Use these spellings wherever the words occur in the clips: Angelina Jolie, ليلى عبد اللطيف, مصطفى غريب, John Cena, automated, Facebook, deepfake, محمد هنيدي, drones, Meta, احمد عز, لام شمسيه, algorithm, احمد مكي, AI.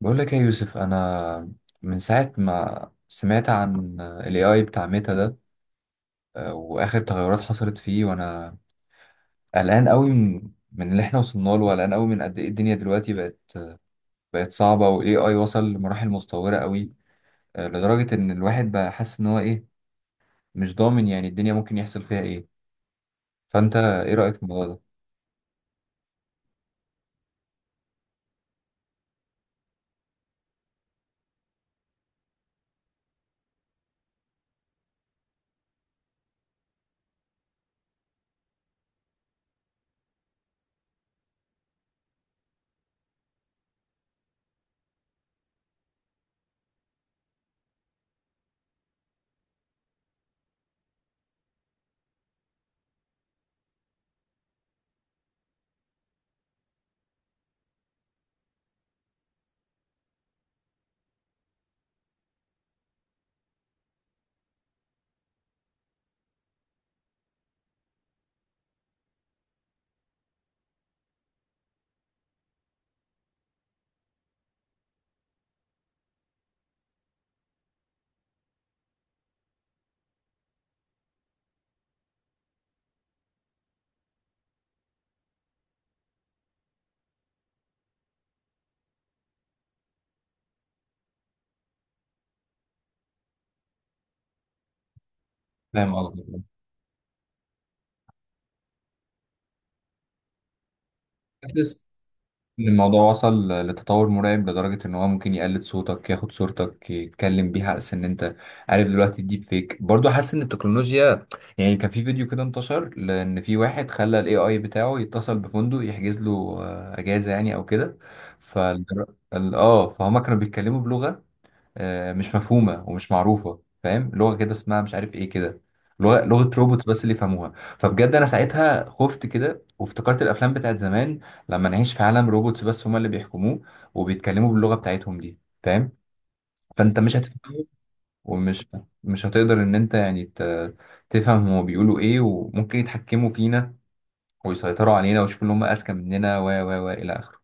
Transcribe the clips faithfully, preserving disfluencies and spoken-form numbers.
بقول لك إيه يا يوسف، انا من ساعه ما سمعت عن الاي اي بتاع ميتا ده، آه، واخر تغيرات حصلت فيه، وانا قلقان قوي من من اللي احنا وصلنا له، وقلقان قوي من قد ايه الدنيا دلوقتي بقت بقت صعبه. والاي اي وصل لمراحل متطوره قوي، آه، لدرجه ان الواحد بقى حاسس ان هو ايه، مش ضامن يعني الدنيا ممكن يحصل فيها ايه. فانت ايه رايك في الموضوع ده؟ فاهم قصدي. إن الموضوع وصل لتطور مرعب، لدرجة إن هو ممكن يقلد صوتك، ياخد صورتك، يتكلم بيها على أساس إن أنت عارف. دلوقتي الديب فيك برضه، حاسس إن التكنولوجيا يعني. كان في فيديو كده انتشر، لأن في واحد خلى ال إيه آي بتاعه يتصل بفندق يحجز له آه، أجازة يعني أو كده. فال ال- آه فهما كانوا بيتكلموا بلغة آه، مش مفهومه ومش معروفه، فاهم؟ لغه كده اسمها مش عارف ايه كده، لغه لغه روبوت بس اللي يفهموها. فبجد انا ساعتها خفت كده، وافتكرت الافلام بتاعت زمان لما نعيش في عالم روبوتس بس هما اللي بيحكموه وبيتكلموا باللغه بتاعتهم دي، فاهم؟ فانت مش هتفهمه، ومش مش هتقدر ان انت يعني ت- تفهم هما بيقولوا ايه، وممكن يتحكموا فينا ويسيطروا علينا ويشوفوا ان هما اذكى مننا، و و و الى اخره.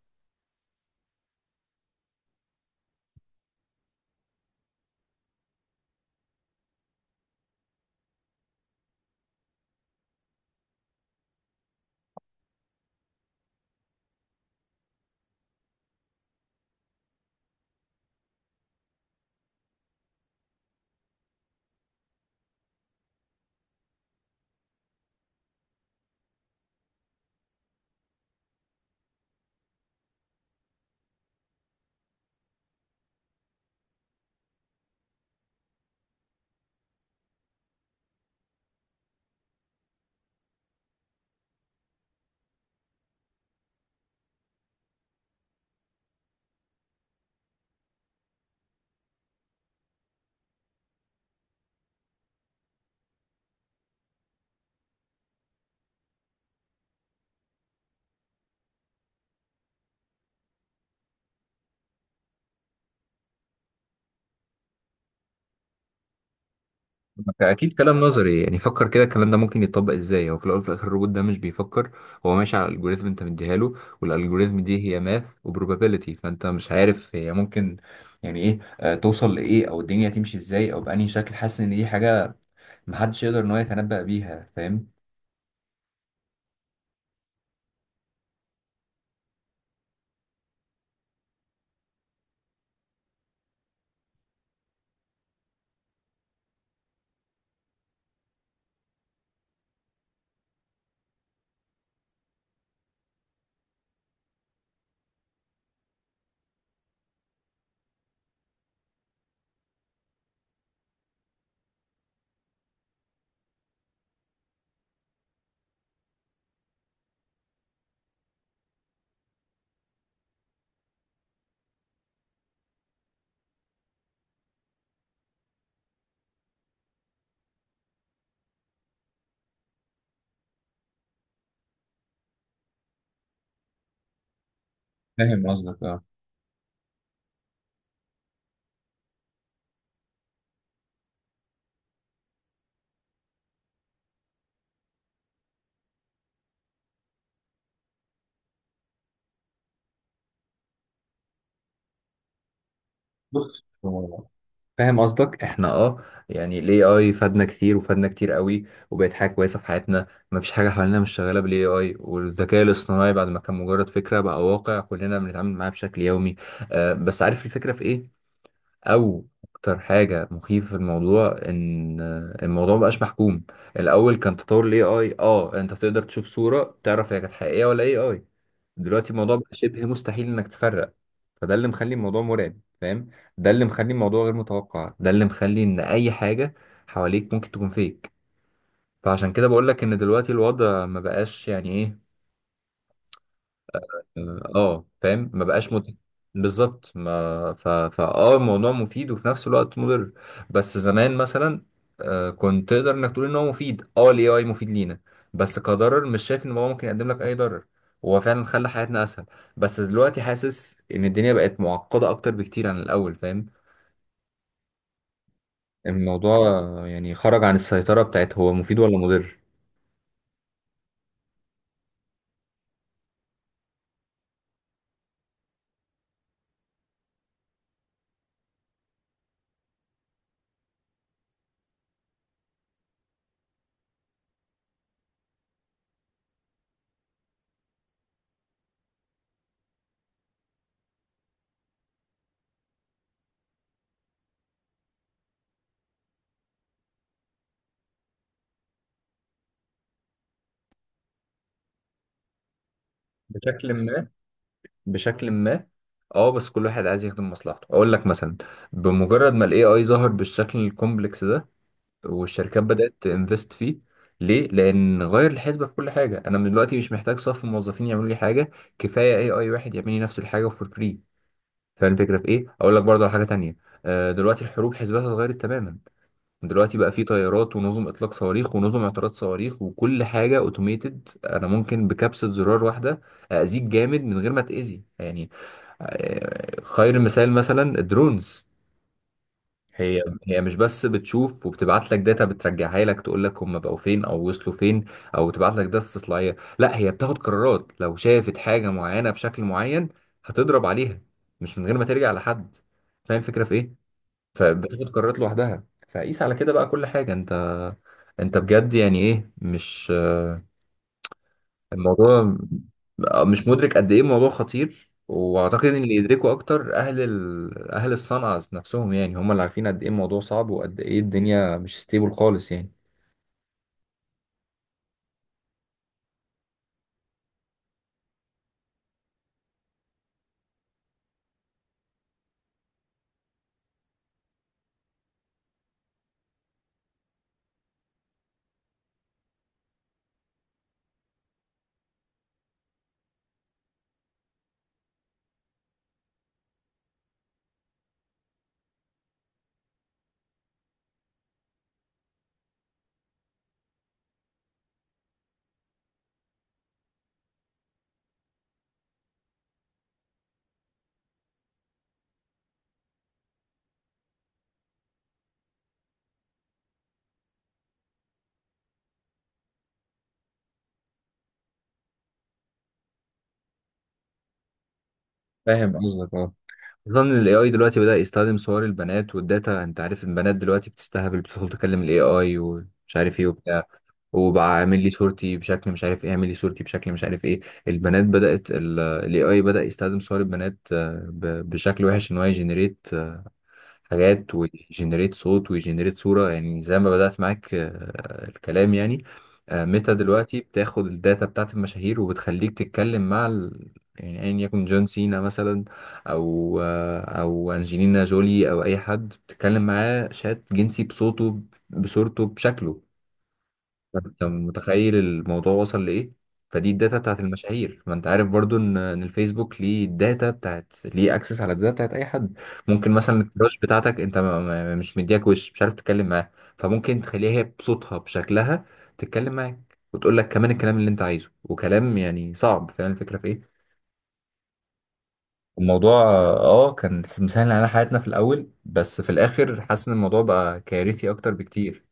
اكيد كلام نظري، يعني فكر كده الكلام ده ممكن يتطبق ازاي. هو في الاول وفي الاخر الروبوت ده مش بيفكر، هو ماشي على الالجوريزم انت مديها له، والالجوريزم دي هي ماث وبروبابيلتي، فانت مش عارف هي ممكن يعني ايه، آه، توصل لايه، او الدنيا تمشي ازاي، او بانهي شكل. حاسس ان دي حاجه محدش يقدر ان هو يتنبأ بيها، فاهم؟ فاهم قصدك، اه. بص هو، فاهم قصدك، احنا اه يعني الاي اي فادنا كتير، وفادنا كتير قوي، وبقت حاجه كويسه في حياتنا. ما فيش حاجه حوالينا مش شغاله بالاي اي، والذكاء الاصطناعي بعد ما كان مجرد فكره بقى واقع، كلنا بنتعامل معاه بشكل يومي. آه، بس عارف الفكره في ايه؟ او اكتر حاجه مخيفه في الموضوع، ان الموضوع مبقاش محكوم. الاول كان تطور الاي اي، اه انت تقدر تشوف صوره تعرف هي كانت حقيقيه ولا اي اي. دلوقتي الموضوع بقى شبه مستحيل انك تفرق، فده اللي مخلي الموضوع مرعب، فاهم؟ ده اللي مخلي الموضوع غير متوقع، ده اللي مخلي ان اي حاجه حواليك ممكن تكون فيك. فعشان كده بقول لك ان دلوقتي الوضع ما بقاش يعني ايه، اه آه، فاهم؟ ما بقاش مت... بالظبط. ما ف... فاه الموضوع مفيد وفي نفس الوقت مضر. بس زمان مثلا آه كنت تقدر انك تقول ان هو مفيد، اه الاي اي مفيد لينا، بس كضرر مش شايف ان هو ممكن يقدم لك اي ضرر. هو فعلا خلى حياتنا اسهل، بس دلوقتي حاسس ان الدنيا بقت معقدة اكتر بكتير عن الاول، فاهم؟ الموضوع آه، يعني خرج عن السيطرة بتاعت هو مفيد ولا مضر. بشكل ما بشكل ما اه بس كل واحد عايز يخدم مصلحته. اقول لك مثلا، بمجرد ما الاي اي ظهر بالشكل الكومبلكس ده، والشركات بدأت تنفست فيه، ليه؟ لان غير الحسبة في كل حاجة، انا من دلوقتي مش محتاج صف موظفين يعملوا لي حاجة، كفاية اي اي واحد يعمل لي نفس الحاجة فور فري. فاهم الفكرة في ايه؟ اقول لك برضه على حاجة تانية، آه، دلوقتي الحروب حسباتها اتغيرت تماما. دلوقتي بقى في طيارات ونظم اطلاق صواريخ ونظم اعتراض صواريخ وكل حاجة اوتوميتد. انا ممكن بكبسة زرار واحدة اذيك جامد من غير ما تاذي، يعني آه، خير المثال مثلا الدرونز. مم. هي، هي مش بس بتشوف وبتبعت لك داتا بترجعها لك تقول لك هم بقوا فين او وصلوا فين، او تبعت لك داتا استطلاعيه، لا هي بتاخد قرارات لو شافت حاجه معينه بشكل معين، هتضرب عليها مش من غير ما ترجع لحد، فاهم الفكره في ايه؟ فبتاخد قرارات لوحدها. فقيس على كده بقى كل حاجه. انت، انت بجد يعني ايه، مش الموضوع بقى مش مدرك قد ايه الموضوع خطير. واعتقد ان اللي يدركوا اكتر اهل ال... اهل الصنعة نفسهم، يعني هم اللي عارفين قد ايه الموضوع صعب وقد ايه الدنيا مش ستيبل خالص، يعني فاهم قصدك، اه. خصوصا ان الاي اي دلوقتي بدأ يستخدم صور البنات والداتا. انت عارف البنات دلوقتي بتستهبل، بتدخل تكلم الاي اي ومش عارف ايه وبتاع، وبقى اعمل لي صورتي بشكل مش عارف ايه، اعمل لي صورتي بشكل مش عارف ايه. البنات بدأت، الاي اي بدأ يستخدم صور البنات، آه، ب- بشكل وحش ان هو يجنريت حاجات، ويجنريت صوت، ويجنريت صورة. يعني زي ما بدأت معاك، آه، الكلام يعني آه، ميتا دلوقتي بتاخد الداتا بتاعت المشاهير وبتخليك تتكلم مع ال... يعني أيا يكن جون سينا مثلا، أو آه، أو أنجلينا جولي أو أي حد، بتتكلم معاه شات جنسي بصوته، بصورته، بشكله. انت متخيل الموضوع وصل لايه؟ فدي الداتا بتاعت المشاهير، ما انت عارف برضو ان ان الفيسبوك ليه الداتا بتاعت، ليه اكسس على الداتا بتاعت اي حد. ممكن مثلا الكراش بتاعتك انت ما- ما- مش مدياك وش، مش عارف تتكلم معاه، فممكن تخليها هي بصوتها بشكلها تتكلم معاك، وتقول لك كمان الكلام اللي انت عايزه، وكلام يعني صعب. فاهم الفكره في ايه؟ الموضوع اه كان مسهل علينا حياتنا في الاول، بس في الاخر حاسس ان الموضوع بقى كارثي اكتر بكتير.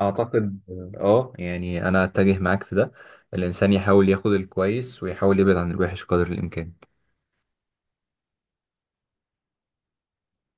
أعتقد آه يعني أنا أتجه معاك في ده، الإنسان يحاول ياخد الكويس ويحاول يبعد عن الوحش قدر الإمكان.